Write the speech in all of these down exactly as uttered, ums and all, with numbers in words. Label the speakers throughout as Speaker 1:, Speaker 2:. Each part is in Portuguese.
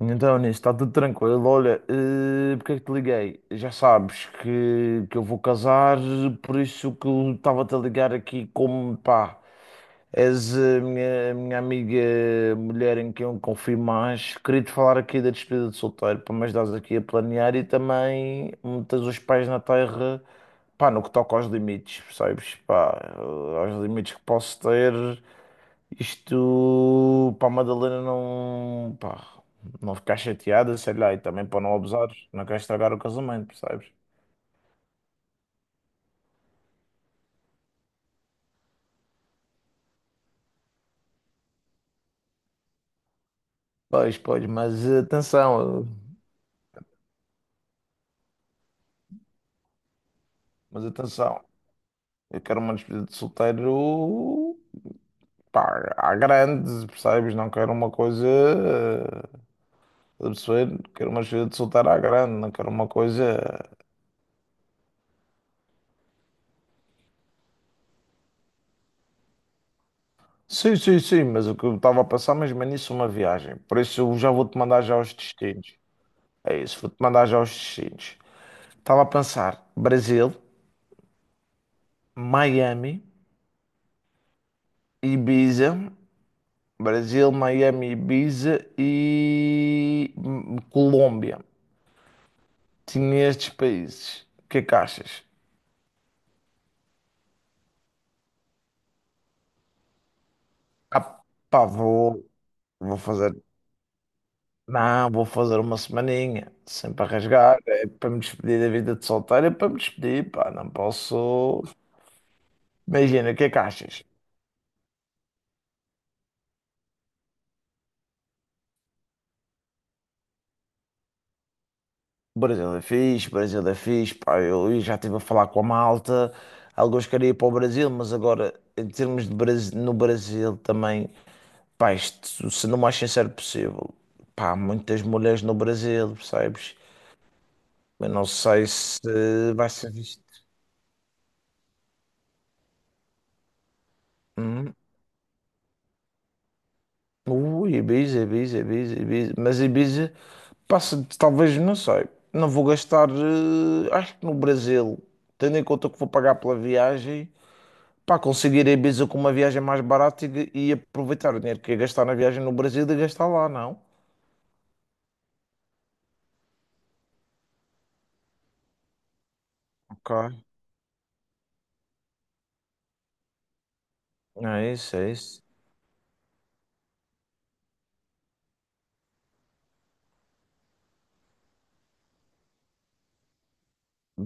Speaker 1: Então, nisso, está tudo tranquilo. Olha, eh, porque é que te liguei? Já sabes que, que eu vou casar, por isso que eu estava-te a ligar aqui como, pá, és a minha, a minha amiga mulher em quem eu confio mais. Queria-te falar aqui da despedida de solteiro, para me ajudares aqui a planear e também meteres os pés na terra, pá, no que toca aos limites, percebes? Pá, eh, aos limites que posso ter. Isto para a Madalena não, pá, não ficar chateada, sei lá, e também para não abusares, não queres estragar o casamento, percebes? Pois, pois, mas atenção, eh, mas atenção, eu quero uma despedida de solteiro, pá, à grande, percebes? Não quero uma coisa, eh, absurda, quero uma despedida de solteiro à grande, não quero uma coisa. Sim, sim, sim, mas o que eu estava a pensar mesmo é nisso, uma viagem, por isso eu já vou-te mandar já os destinos. É isso, vou-te mandar já os destinos. Estava a pensar, Brasil, Miami, Ibiza, Brasil, Miami, Ibiza e hum, Colômbia. Tinha estes países. O que é que achas? Ah, pá, vou, vou fazer. Não, vou fazer uma semaninha, sempre a rasgar, é para me despedir da vida de solteiro, é para me despedir, pá, não posso. Imagina, o que é que achas? Brasil é fixe, Brasil é fixe. Pá, eu já estive a falar com a malta. Alguns queriam ir para o Brasil, mas agora, em termos de Brasil, no Brasil também, pá, isto, se não mais sincero possível, pá, muitas mulheres no Brasil, percebes? Eu não sei se vai ser visto. Hum? Ui, Ibiza, Ibiza, Ibiza, Ibiza. Mas Ibiza passa, talvez, não sei. Não vou gastar, eh, acho que no Brasil, tendo em conta que vou pagar pela viagem. Pá, conseguir a Ibiza com uma viagem mais barata e, e aproveitar o dinheiro que ia gastar na viagem no Brasil e gastar lá, não? Ok. É isso, é isso.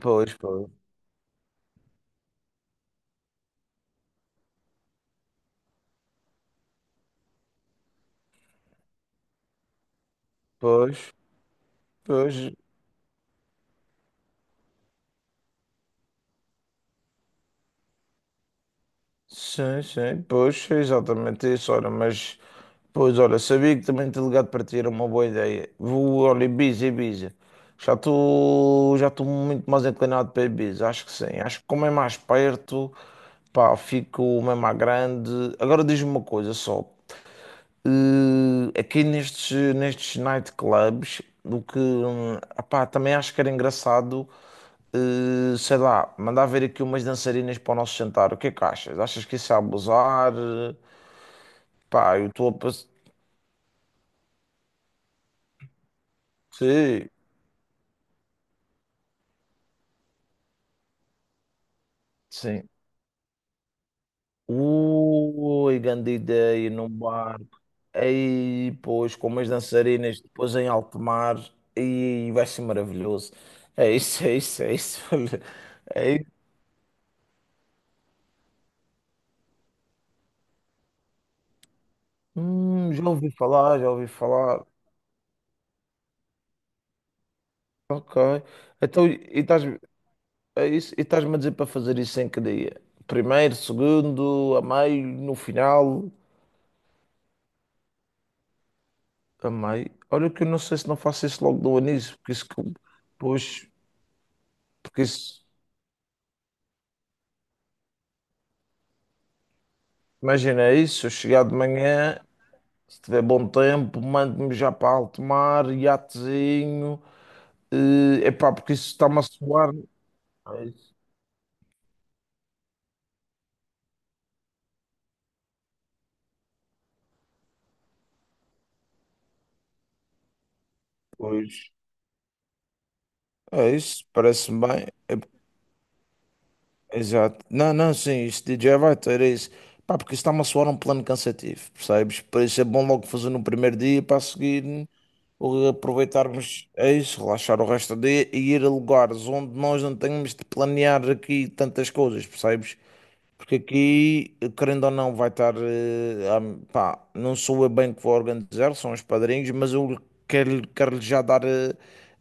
Speaker 1: Pois, pois, pois, pois, sim, sim, pois, é exatamente isso, ora, mas, pois, olha, sabia que também te ligado para ti era uma boa ideia. Vou, olha, Ibiza, Ibiza, já estou, já estou muito mais inclinado para Ibiza, acho que sim, acho que como é mais perto, pá, fico mesmo à grande. Agora diz-me uma coisa só, eh, aqui nestes, nestes nightclubs, do que, hum, epá, também acho que era engraçado, eh, sei lá, mandar ver aqui umas dançarinas para o nosso jantar. O que é que achas? Achas que isso é abusar? Pá, eu estou a passar. Sim, sim. Ui, grande ideia num barco. Aí, pois, com umas dançarinas, depois em alto mar. E vai ser maravilhoso. É isso, é isso, é isso. Olha, é Hum, já ouvi falar, já ouvi falar. Ok. Então, e estás, é isso- e estás-me a dizer para fazer isso em que dia? Primeiro, segundo, a meio, no final, a meio. Olha que eu não sei se não faço isso logo do início, porque isso, que- pois, porque isso, imagina isso, se eu chegar de manhã, se tiver bom tempo, mando-me já para alto mar, iatezinho, é epá, porque isso está-me a soar. É isso. Pois, é isso, parece-me bem. Exato. Não, não, sim, isto de D J vai ter isso. Pá, porque isso está-me a soar um plano cansativo, percebes? Por isso é bom logo fazer no primeiro dia para a seguir hum, o- aproveitarmos é isso, relaxar o resto do dia e ir a lugares onde nós não temos de planear aqui tantas coisas, percebes? Porque aqui, querendo ou não, vai estar. Eh, am- pá, não sou eu bem que vou organizar, são os padrinhos, mas eu quero, quero já dar eh,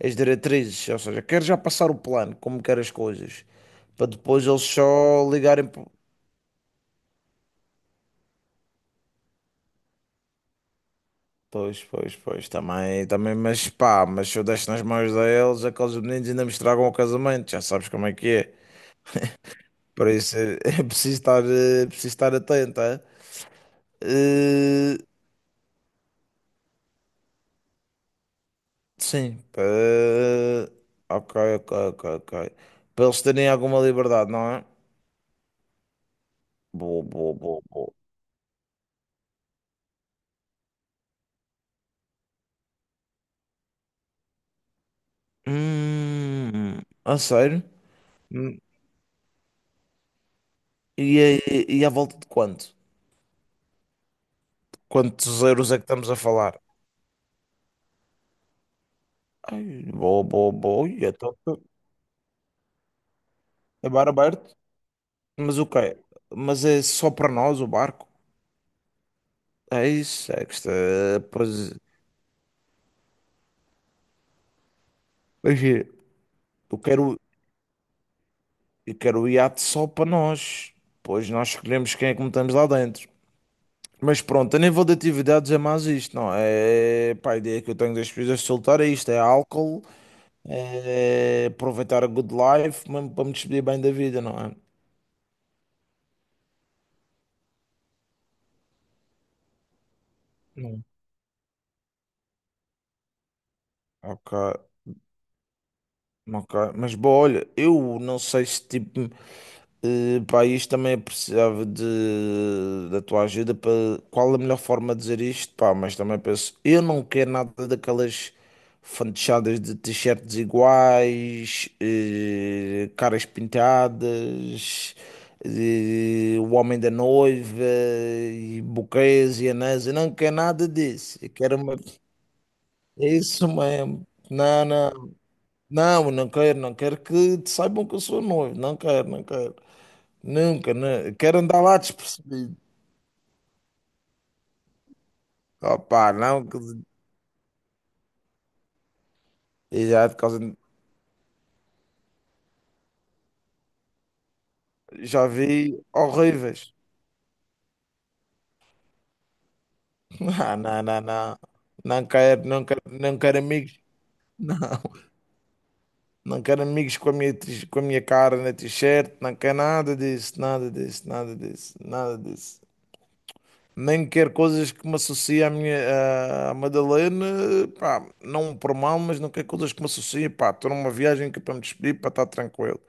Speaker 1: as diretrizes, ou seja, quero já passar o plano, como quero as coisas para depois eles só ligarem. pro- Pois, pois, pois, também, também, mas pá, mas se eu deixo nas mãos deles, aqueles meninos ainda me estragam o casamento, já sabes como é que é. Por isso é, é preciso estar, eh, preciso estar atento, é? Eh, sim, pá, ok, ok, ok, ok. Para eles terem alguma liberdade, não é? Boa, boa, boa, boa. Hum, a sério? Hum, E, e, e à volta de quanto? Quantos euros é que estamos a falar? Ai, boa, boa, boa. Ui, Então, é bar aberto? Mas o quê? Mas é só para nós o barco? É isso, é que está. Pois, pois é, eu quero, eu quero o iate só para nós. Pois nós escolhemos quem é que metemos lá dentro. Mas pronto, a nível de atividades é mais isto, não é? É, pá, a ideia que eu tenho das pesquisas de soltar é isto: é álcool, é aproveitar a good life, mesmo para me despedir bem da vida, não é? Não. Ok, ok. Mas, bom, olha, eu não sei se tipo. Eh, pá, isto também eu precisava de, da tua ajuda para qual a melhor forma de dizer isto, pá, mas também penso, eu não quero nada daquelas fantochadas de t-shirts iguais, eh, caras pintadas, eh, o homem da noiva, e buquês e anéis, eu não quero nada disso, eu quero uma, é isso mesmo, não, não, não, não quero, não quero que te saibam que eu sou noivo, não quero, não quero. Nunca, nu- Quero andar lá despercebido. Opa, não, que- e já, de causa, já vi horríveis. Não, não, não, não. Não quero, não quero, não quero amigos. Não, não quero amigos com a minha, tis- com a minha cara na t-shirt. Não quero nada disso, nada disso, nada disso, nada disso. Nem quero coisas que me associem à minha, à Madalena. Pá, não por mal, mas não quero coisas que me associem. Pá, estou numa viagem que é para me despedir, para estar tranquilo.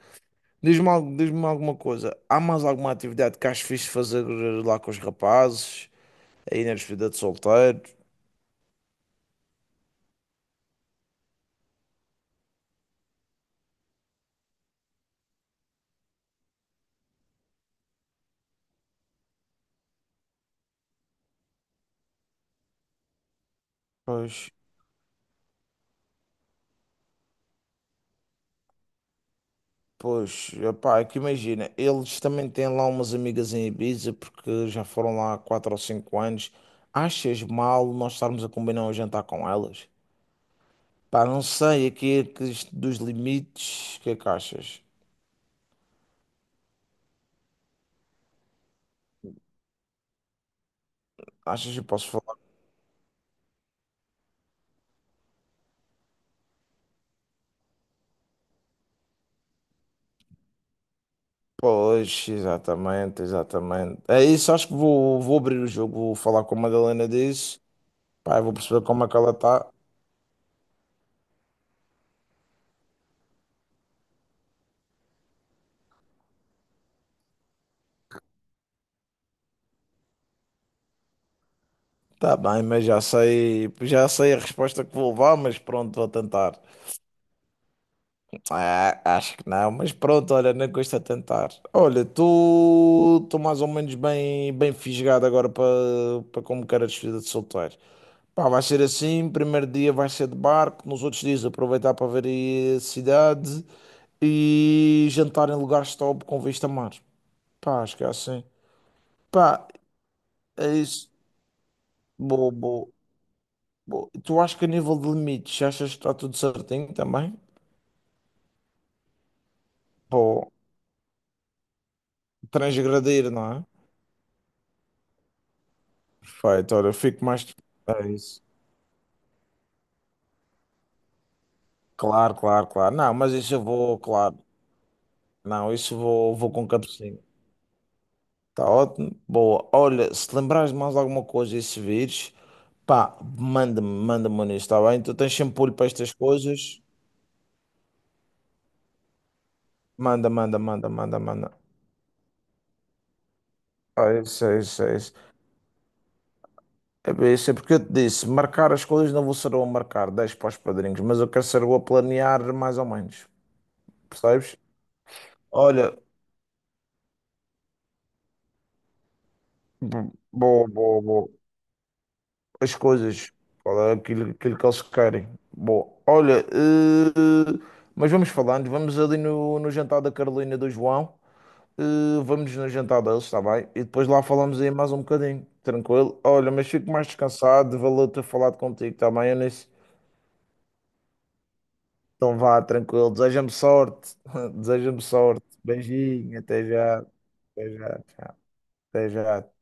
Speaker 1: Diz-me al- diz-me alguma coisa. Há mais alguma atividade que acho fixe de fazer lá com os rapazes? Aí na despedida de solteiro? Pois, pois, epá, é que imagina, eles também têm lá umas amigas em Ibiza porque já foram lá há quatro ou cinco anos. Achas mal nós estarmos a combinar um jantar com elas? Pá, não sei, aqui é que isto dos limites, o que é que achas? Achas que eu posso falar? Pois, exatamente, exatamente. É isso, acho que vou, vou abrir o jogo, vou falar com a Madalena disso. Pá, eu vou perceber como é que ela está. Tá bem, mas já sei, já sei a resposta que vou levar, mas pronto, vou tentar. Ah, acho que não, mas pronto, olha, nem custa tentar. Olha, tu estou mais ou menos bem, bem fisgado agora para para como quero a despedida de solteiro. Pá, vai ser assim, primeiro dia vai ser de barco, nos outros dias aproveitar para ver aí a cidade e jantar em lugares top com vista a mar. Pá, acho que é assim. Pá, é isso. Boa, boa. Bom, tu acho que a nível de limites, achas que está tudo certinho também? Ou transgredir, não é? Perfeito, olha, eu fico mais. É isso. Claro, claro, claro. Não, mas isso eu vou, claro. Não, isso eu vou, vou com cabecinho. Está ótimo. Boa. Olha, se te lembrares de mais alguma coisa e se vires, pá, manda-me, manda-me nisso, está bem? Tu tens sempre olho para estas coisas. Manda, manda, manda, manda, manda. É isso, é isso, é isso. É bem, isso é porque eu te disse, marcar as coisas não vou ser eu a marcar dez para os padrinhos, mas eu quero ser eu a planear mais ou menos, percebes? Olha, bo- boa, boa, boa, as coisas, qual é aquilo, aquilo que eles querem? Boa, olha, eh, mas vamos falando, vamos ali no, no jantar da Carolina e do João, eh, vamos no jantar deles, está bem? E depois lá falamos aí mais um bocadinho, tranquilo? Olha, mas fico mais descansado, valeu ter falado contigo, está bem? Eu nem. Então vá, tranquilo. Deseja-me sorte. Deseja-me sorte. Beijinho. Até já. Até já. Tchau. Até já.